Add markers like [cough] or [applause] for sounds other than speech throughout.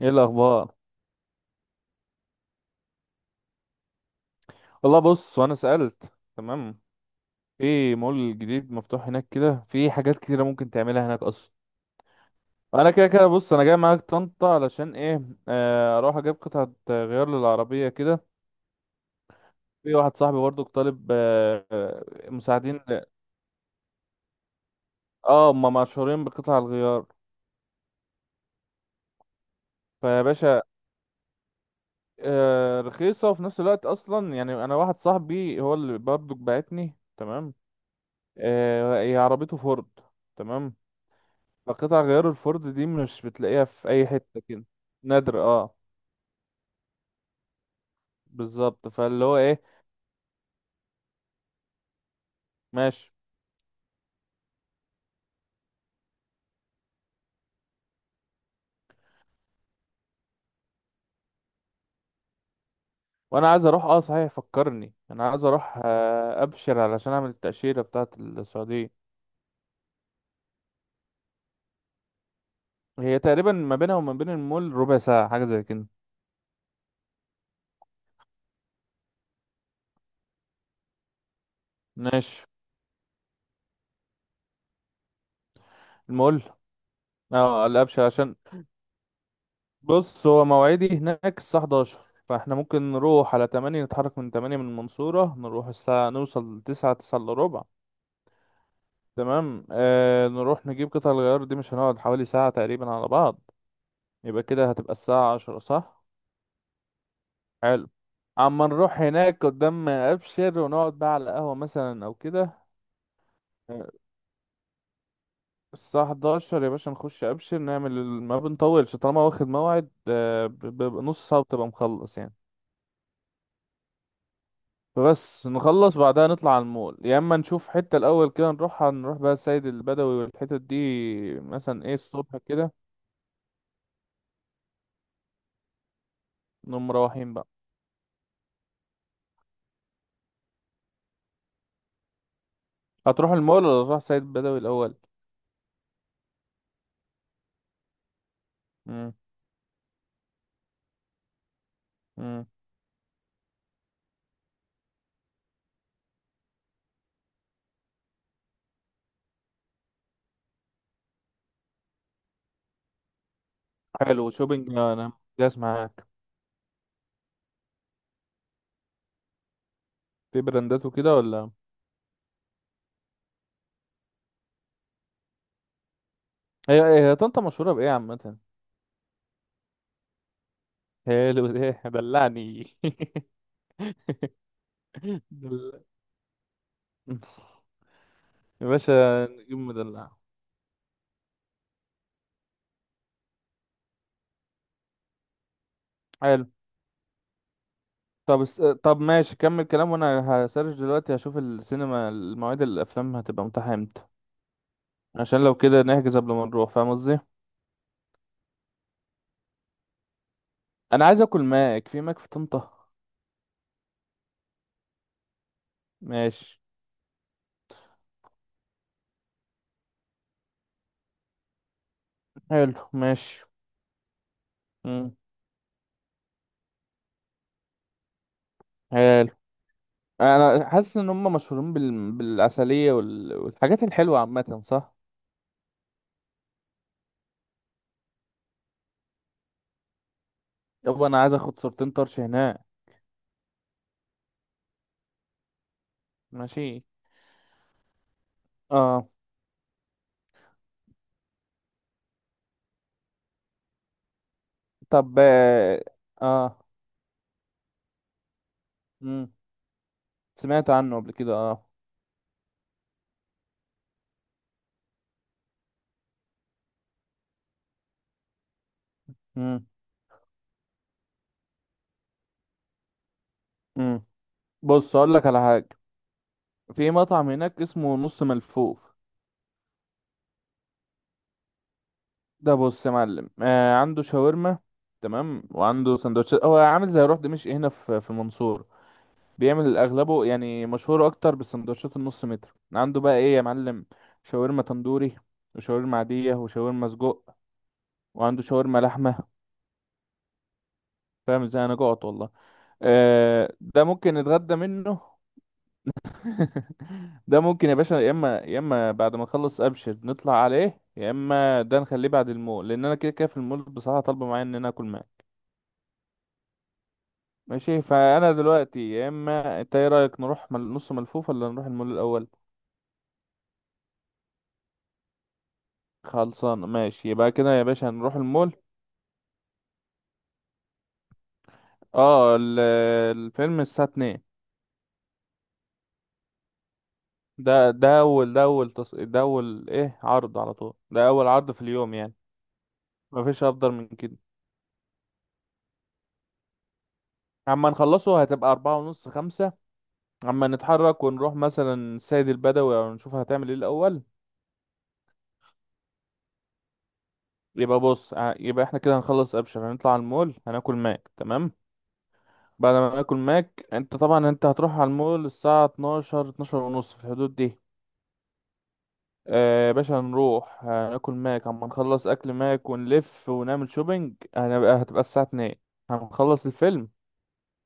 ايه الاخبار؟ والله بص، وانا سألت تمام. في مول جديد مفتوح هناك كده، في حاجات كتيرة ممكن تعملها هناك اصلا. انا كده كده بص، انا جاي معاك طنطا علشان ايه؟ اروح اجيب قطعة غيار للعربية كده. في واحد صاحبي برضو طالب مساعدين. اه، هما مشهورين بقطع الغيار. فيا باشا، رخيصة وفي نفس الوقت، اصلا يعني انا واحد صاحبي هو اللي برضو بعتني، تمام. هي عربيته فورد، تمام. قطع غيار الفرد دي مش بتلاقيها في اي حتة كده. نادر اه. بالظبط، فاللي هو ايه. ماشي. وانا عايز اروح، اه صحيح فكرني، انا عايز اروح ابشر علشان اعمل التأشيرة بتاعة السعودية. هي تقريبا ما بينها وما بين المول ربع ساعة، حاجة زي كده. ماشي، المول. اه الابشر عشان، بص هو مواعيدي هناك الساعة 11. فاحنا ممكن نروح على 8، نتحرك من 8 من المنصورة، نروح الساعة نوصل 9، 9 الا ربع، تمام. نروح نجيب قطع الغيار دي، مش هنقعد حوالي ساعة تقريبا على بعض. يبقى كده هتبقى الساعة عشرة صح، حلو. اما نروح هناك قدام ابشر ونقعد بقى على قهوة مثلا او كده. آه، الساعة 11 يا باشا نخش ابشر نعمل ما بنطولش، طالما واخد موعد نص ساعة بتبقى مخلص يعني. فبس نخلص بعدها نطلع على المول، يا اما نشوف حتة الاول كده نروحها، نروح بقى السيد البدوي والحتت دي. مثلا ايه، الصبح كده. نقوم مروحين بقى. هتروح المول ولا تروح سيد بدوي الأول؟ مم. مم. حلو، شوبينج أنا جاهز معاك. في براندات وكده ولا؟ هي طنطا مشهورة بإيه عامة؟ حلو ده، دلعني [laughs] دل... يا باشا نجيب مدلع. حلو. طب ماشي، كمل كلام وانا هسرش دلوقتي، هشوف السينما المواعيد الافلام هتبقى متاحه امتى. عشان لو كده نحجز قبل ما نروح، فاهم قصدي. انا عايز اكل ماك، في ماك في طنطا. ماشي، حلو، ماشي، امم، حلو. انا حاسس ان هم مشهورين بالعسليه والحاجات الحلوه عامه صح. يابا انا عايز اخد صورتين طرش هناك. ماشي اه. طب اه. آه. مم. سمعت عنه قبل كده اه. مم. مم. بص اقول لك على حاجه. في مطعم هناك اسمه نص ملفوف. ده بص يا معلم، عنده شاورما، تمام، وعنده سندوتشات. هو عامل زي روح دمشق، هنا في المنصورة. بيعمل اغلبه، يعني مشهور اكتر بالسندوتشات النص متر. عنده بقى ايه يا معلم: شاورما تندوري، وشاورما عادية، وشاورما سجق، وعنده شاورما لحمة. فاهم ازاي، انا جوعت والله. ده ممكن نتغدى منه. [laughs] ده ممكن يا باشا، يا اما بعد ما نخلص ابشر نطلع عليه، يا اما ده نخليه بعد المول، لان انا كده كده في المول بصراحة طالبة معايا ان انا اكل معاه. ماشي، فانا دلوقتي يا اما، انت ايه رايك، نروح نص ملفوف ولا نروح المول الاول؟ خلصان، ماشي، يبقى كده يا باشا هنروح المول. اه، الفيلم الساعة اتنين. ده أول، ده أول إيه، عرض على طول، ده أول عرض في اليوم يعني. مفيش أفضل من كده. أما نخلصه هتبقى أربعة ونص، خمسة. أما نتحرك ونروح مثلا السيد البدوي، أو نشوف هتعمل إيه الأول. يبقى بص يبقى إحنا كده هنخلص أبشر، هنطلع المول هناكل ماك، تمام. بعد ما ناكل ماك، أنت طبعا أنت هتروح على المول الساعة اتناشر، اتناشر ونص في الحدود دي. باشا، هنروح هناكل ماك، اما نخلص اكل ماك ونلف ونعمل شوبينج هتبقى الساعة 2. هنخلص الفيلم،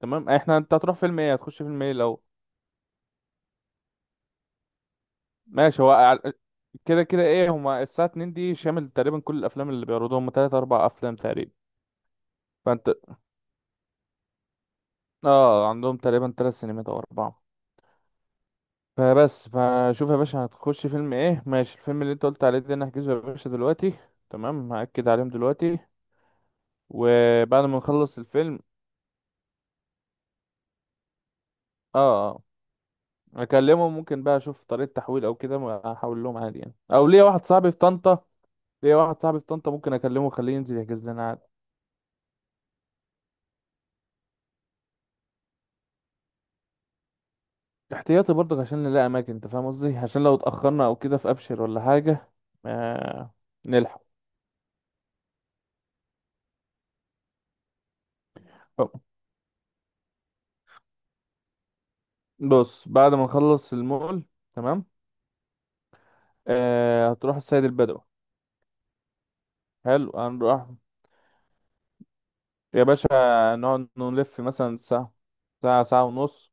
تمام. احنا انت هتروح فيلم ايه، هتخش فيلم ايه لو ماشي هو كده كده ايه. هما الساعة 2 دي شامل تقريبا كل الافلام اللي بيعرضوها، هما 3، 4 افلام تقريبا. فانت اه عندهم تقريبا 3 سينمات او 4. فبس فشوف يا باشا هتخش فيلم ايه، ماشي الفيلم اللي انت قلت عليه ده نحجزه يا باشا دلوقتي، تمام، هأكد عليهم دلوقتي. وبعد ما نخلص الفيلم، اه. آه. اكلمه ممكن بقى اشوف طريقة تحويل او كده، ما احول لهم عادي يعني، او ليا واحد صاحبي في طنطا، ممكن اكلمه اخليه ينزل يحجز لنا عادي احتياطي برضك عشان نلاقي اماكن. انت فاهم قصدي، عشان لو اتاخرنا او كده في ابشر ولا حاجة، آه نلحق. أو، بص، بعد ما نخلص المول، تمام، هتروح السيد البدوي. حلو، هنروح يا باشا، نقعد نلف مثلا ساعة، ساعة، ساعة ونص.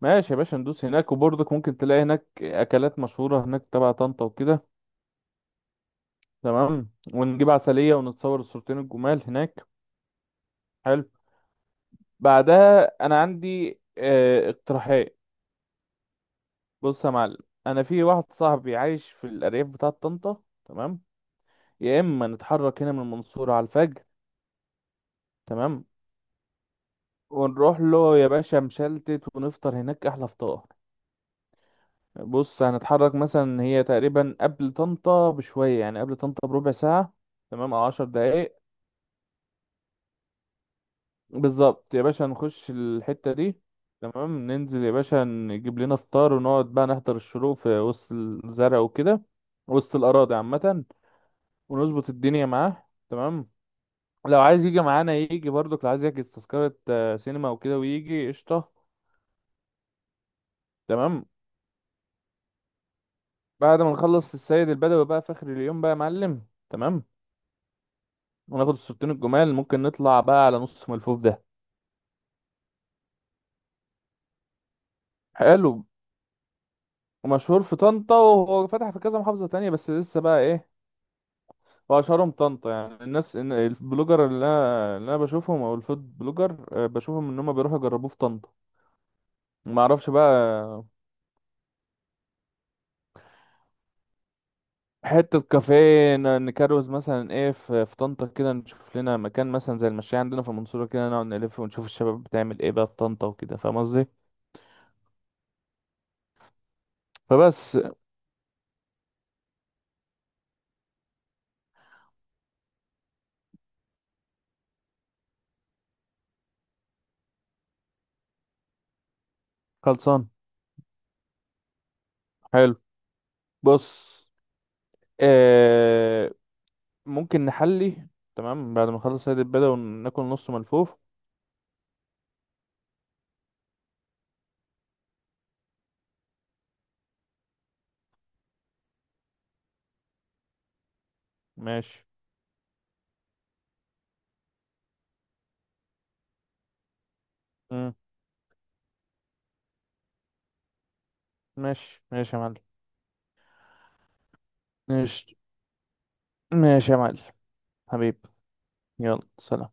ماشي يا باشا، ندوس هناك، وبرضك ممكن تلاقي هناك أكلات مشهورة هناك تبع طنطا وكده، تمام. ونجيب عسلية، ونتصور الصورتين الجمال هناك. حلو، بعدها انا عندي اقتراحات. بص يا معلم، انا في واحد صاحبي عايش في الارياف بتاعة طنطا، تمام. يا اما نتحرك هنا من المنصورة على الفجر، تمام، ونروح له يا باشا مشلتت، ونفطر هناك احلى فطار. بص هنتحرك مثلا، هي تقريبا قبل طنطا بشوية، يعني قبل طنطا بربع ساعة، تمام، او عشر دقايق. بالظبط يا باشا، نخش الحتة دي، تمام. ننزل يا باشا نجيب لنا فطار، ونقعد بقى نحضر الشروق في وسط الزرع وكده، وسط الأراضي عامة، ونظبط الدنيا معاه، تمام. لو عايز يجي معانا يجي برضك، لو عايز يحجز تذكرة سينما وكده ويجي قشطة، تمام. بعد ما نخلص السيد البدوي بقى في آخر اليوم بقى يا معلم، تمام. وناخد الصورتين الجمال، ممكن نطلع بقى على نص ملفوف ده. حلو. مشهور في طنطا، وهو فتح في كذا محافظة تانية، بس لسه بقى ايه. واشهرهم طنطا، يعني الناس البلوجر اللي انا بشوفهم، او الفود بلوجر، بشوفهم ان هم بيروحوا يجربوه في طنطا. ما اعرفش بقى. حته كافيه نكروز مثلا، ايه، في طنطا كده، نشوف لنا مكان مثلا زي المشاية عندنا في المنصوره كده، نقعد نلف ونشوف الشباب بتعمل ايه بقى في طنطا وكده، فاهم قصدي. فبس، خلصان، حلو. بص، آه ممكن نحلي، تمام، بعد ما نخلص هذه البدا وناكل نص ملفوف. ماشي، مم. ماشي، ماشي يا معلم، ماشي ماشي يا معلم، حبيب، يلا سلام.